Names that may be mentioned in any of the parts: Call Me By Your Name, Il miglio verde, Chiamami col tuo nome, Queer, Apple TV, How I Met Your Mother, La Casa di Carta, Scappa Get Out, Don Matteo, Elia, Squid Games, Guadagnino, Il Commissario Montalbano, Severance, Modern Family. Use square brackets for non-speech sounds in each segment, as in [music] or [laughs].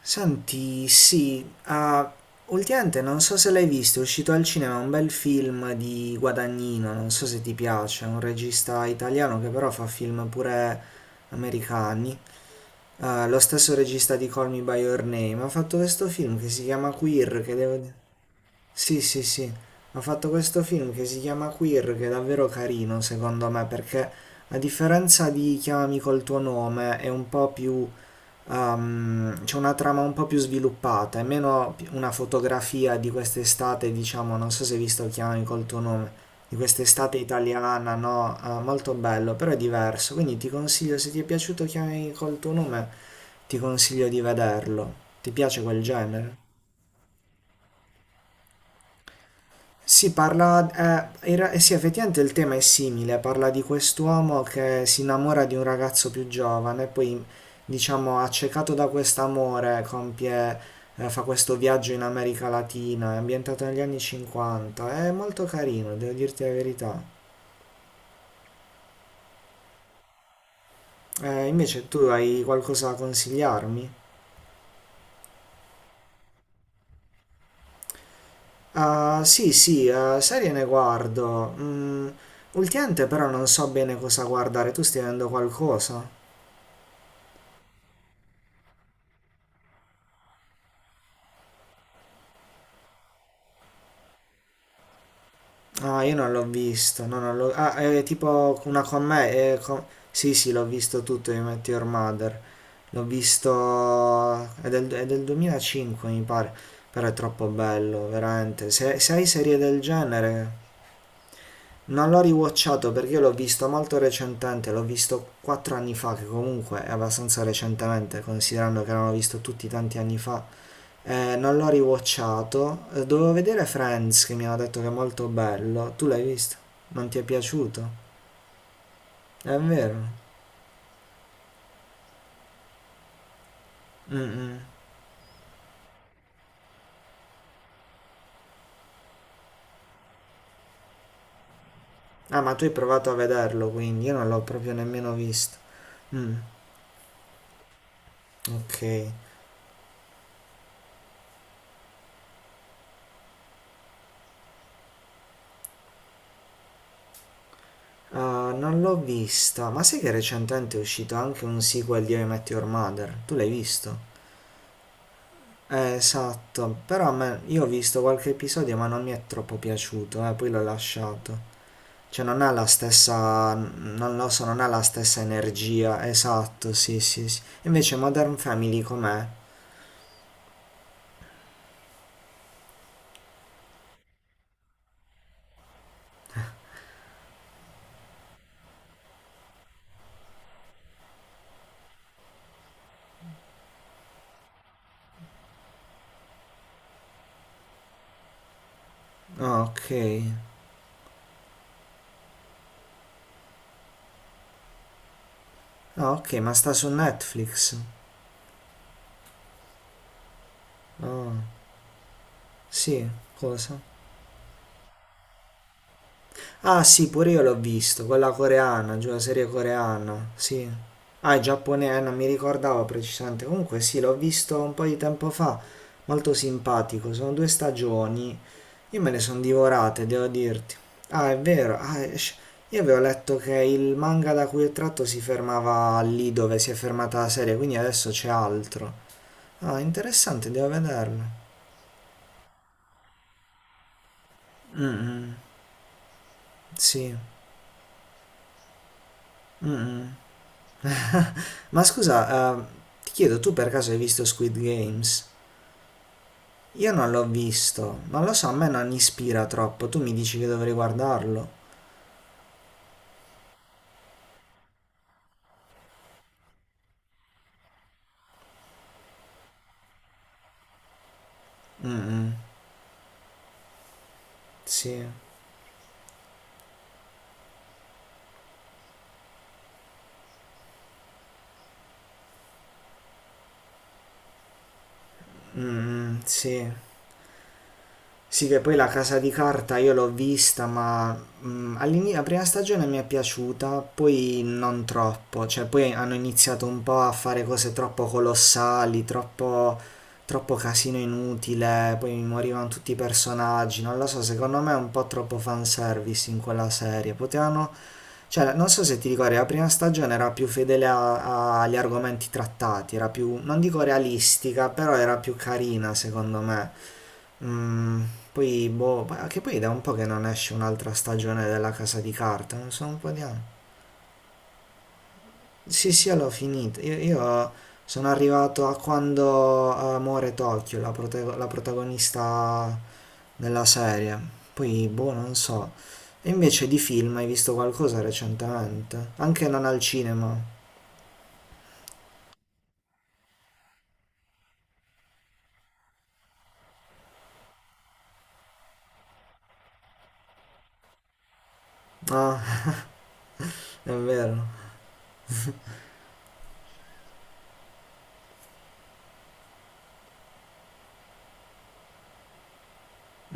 Senti, sì, ah, ultimamente non so se l'hai visto, è uscito al cinema un bel film di Guadagnino, non so se ti piace, è un regista italiano che però fa film pure americani. Ah, lo stesso regista di Call Me By Your Name ha fatto questo film che si chiama Queer, che devo dire. Sì, sì, sì, ha fatto questo film che si chiama Queer, che è davvero carino secondo me, perché a differenza di Chiamami col tuo nome è un po' più c'è una trama un po' più sviluppata, è meno una fotografia di quest'estate, diciamo, non so se hai visto Chiamami col tuo nome, di quest'estate italiana, no? Molto bello, però è diverso, quindi ti consiglio, se ti è piaciuto Chiamami col tuo nome, ti consiglio di vederlo. Ti piace quel genere? Si parla, in sì, effettivamente il tema è simile, parla di quest'uomo che si innamora di un ragazzo più giovane, poi, diciamo, accecato da quest'amore, compie, fa questo viaggio in America Latina, è ambientato negli anni '50, è molto carino, devo dirti la verità. Invece tu hai qualcosa da consigliarmi? Ah, sì, sì, serie ne guardo. Ultimamente però non so bene cosa guardare, tu stai vedendo qualcosa? No, io non l'ho visto. No, non l'ho... Ah, è tipo una con me. Sì, sì, l'ho visto tutto di Met Your Mother. L'ho visto. È del 2005, mi pare. Però è troppo bello, veramente. Se hai serie del genere. Non l'ho riwatchato perché io l'ho visto molto recentemente. L'ho visto 4 anni fa, che comunque è abbastanza recentemente, considerando che l'hanno visto tutti tanti anni fa. Non l'ho riwatchato. Dovevo vedere Friends che mi hanno detto che è molto bello. Tu l'hai visto? Non ti è piaciuto? È vero? Mm-mm. Ah, ma tu hai provato a vederlo, quindi io non l'ho proprio nemmeno visto. Mm, ok. Ah, non l'ho vista, ma sai che recentemente è uscito anche un sequel di How I Met Your Mother? Tu l'hai visto? Esatto, però a me, io ho visto qualche episodio ma non mi è troppo piaciuto, poi l'ho lasciato. Cioè non ha la stessa, non lo so, non ha la stessa energia, esatto, sì, sì, sì. Invece Modern Family com'è? Ah, ok. Ah, ok, ma sta su Netflix. Ah, sì, cosa? Ah sì, pure io l'ho visto, quella coreana, giù la serie coreana, sì. Ah, è giapponese, non mi ricordavo precisamente. Comunque sì, l'ho visto un po' di tempo fa, molto simpatico, sono due stagioni. Io me le sono divorate, devo dirti. Ah, è vero, io avevo letto che il manga da cui è tratto si fermava lì dove si è fermata la serie, quindi adesso c'è altro. Ah, interessante, devo vederlo. Mm, mm, sì. Mm, mm. [laughs] Ma scusa, ti chiedo, tu per caso hai visto Squid Games? Io non l'ho visto, non lo so, a me non ispira troppo, tu mi dici che dovrei guardarlo? Mm, mm, sì. Mm, mm, sì. Sì, che poi la casa di carta io l'ho vista, ma la prima stagione mi è piaciuta, poi non troppo, cioè poi hanno iniziato un po' a fare cose troppo colossali, troppo, troppo casino inutile, poi mi morivano tutti i personaggi, non lo so, secondo me è un po' troppo fanservice in quella serie, potevano cioè, non so se ti ricordi, la prima stagione era più fedele agli argomenti trattati, era più, non dico realistica, però era più carina secondo me. Mm, poi, boh, che poi da un po' che non esce un'altra stagione della Casa di Carta, non so, un po' di anni. Sì, sì, l'ho finita. Io sono arrivato a quando Amore Tokyo, la protagonista della serie. Poi, boh, non so. E invece di film hai visto qualcosa recentemente? Anche non al cinema. Ah, [laughs] è vero.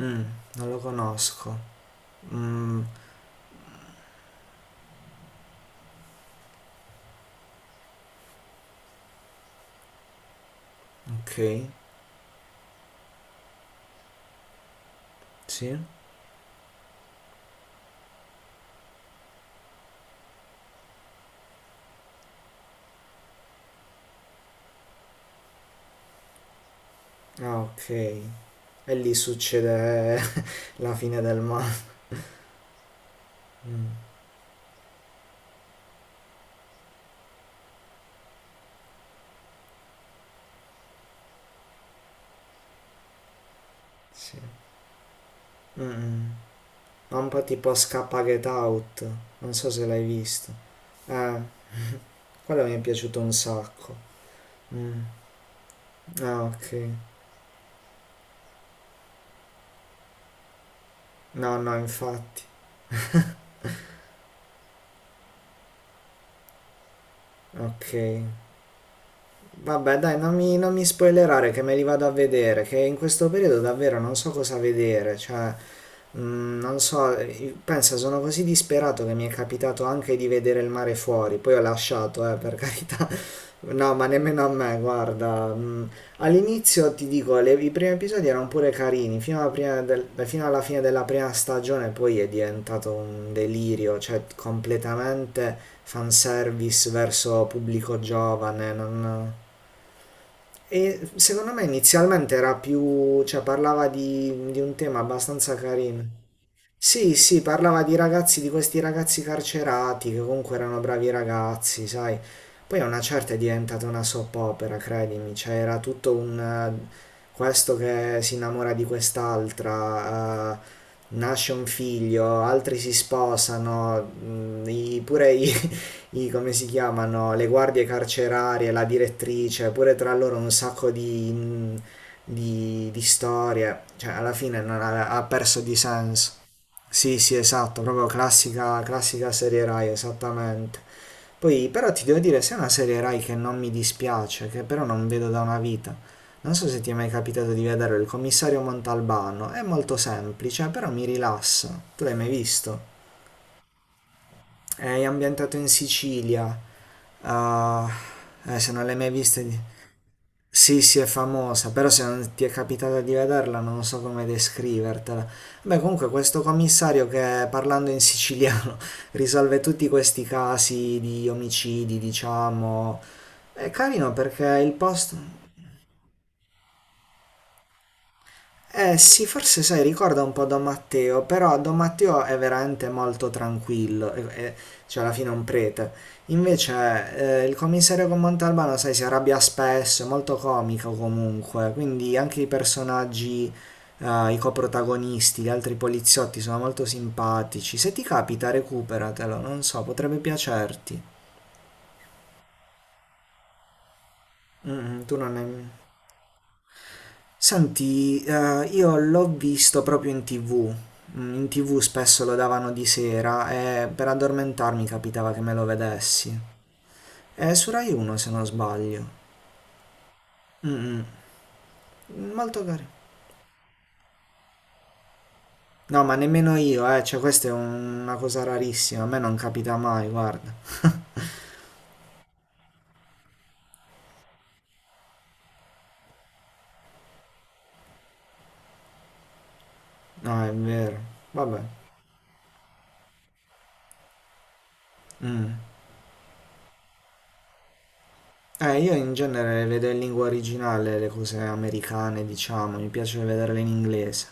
Mm, non lo conosco. Mm, ok. Sì? Ah, ok. E lì succede [laughs] la fine del mare. Mm, sì. Mm, mm. Ha un po' tipo Scappa Get Out, non so se l'hai visto. Eh, quello mi è piaciuto un sacco. Mm. Ah, ok. No, no, infatti. Ok. Vabbè, dai, non mi spoilerare che me li vado a vedere, che in questo periodo davvero non so cosa vedere, cioè non so, pensa, sono così disperato che mi è capitato anche di vedere il mare fuori, poi ho lasciato, per [laughs] carità. No, ma nemmeno a me, guarda. All'inizio ti dico, i primi episodi erano pure carini, fino alla, prima fino alla fine della prima stagione poi è diventato un delirio, cioè completamente fanservice verso pubblico giovane. E secondo me inizialmente era più, cioè parlava di un tema abbastanza carino. Sì, sì, parlava di ragazzi, di questi ragazzi carcerati che comunque erano bravi ragazzi, sai. Poi a una certa è diventata una soap opera, credimi, cioè era tutto un, questo che si innamora di quest'altra, nasce un figlio, altri si sposano, pure i, [laughs] come si chiamano, le guardie carcerarie, la direttrice, pure tra loro un sacco di storie, cioè alla fine non ha perso di senso. Sì, sì, esatto, proprio classica, classica serie Rai, esattamente. Poi, però ti devo dire, se è una serie Rai che non mi dispiace, che però non vedo da una vita. Non so se ti è mai capitato di vedere il commissario Montalbano, è molto semplice, però mi rilassa. Tu l'hai mai visto? È ambientato in Sicilia. Ah, se non l'hai mai visto. Sì, sì, è famosa, però se non ti è capitato di vederla non so come descrivertela. Beh, comunque questo commissario che parlando in siciliano [laughs] risolve tutti questi casi di omicidi, diciamo, è carino perché il posto. Eh sì, forse sai, ricorda un po' Don Matteo, però Don Matteo è veramente molto tranquillo, cioè alla fine è un prete. Invece il commissario con Montalbano, sai, si arrabbia spesso, è molto comico comunque, quindi anche i personaggi, i coprotagonisti, gli altri poliziotti sono molto simpatici. Se ti capita, recuperatelo, non so, potrebbe piacerti. Mm, mm, tu non ne... Senti, io l'ho visto proprio in TV. In TV spesso lo davano di sera e per addormentarmi capitava che me lo vedessi. È su Rai 1 se non sbaglio. Mm, mm, molto carino. No, ma nemmeno io, cioè questa è una cosa rarissima, a me non capita mai, guarda. [laughs] No, è vero. Vabbè. Mm. Io in genere vedo in lingua originale le cose americane, diciamo, mi piace vederle in inglese.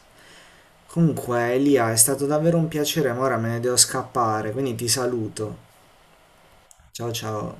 Comunque, Elia, è stato davvero un piacere, ma ora me ne devo scappare, quindi ti saluto. Ciao ciao.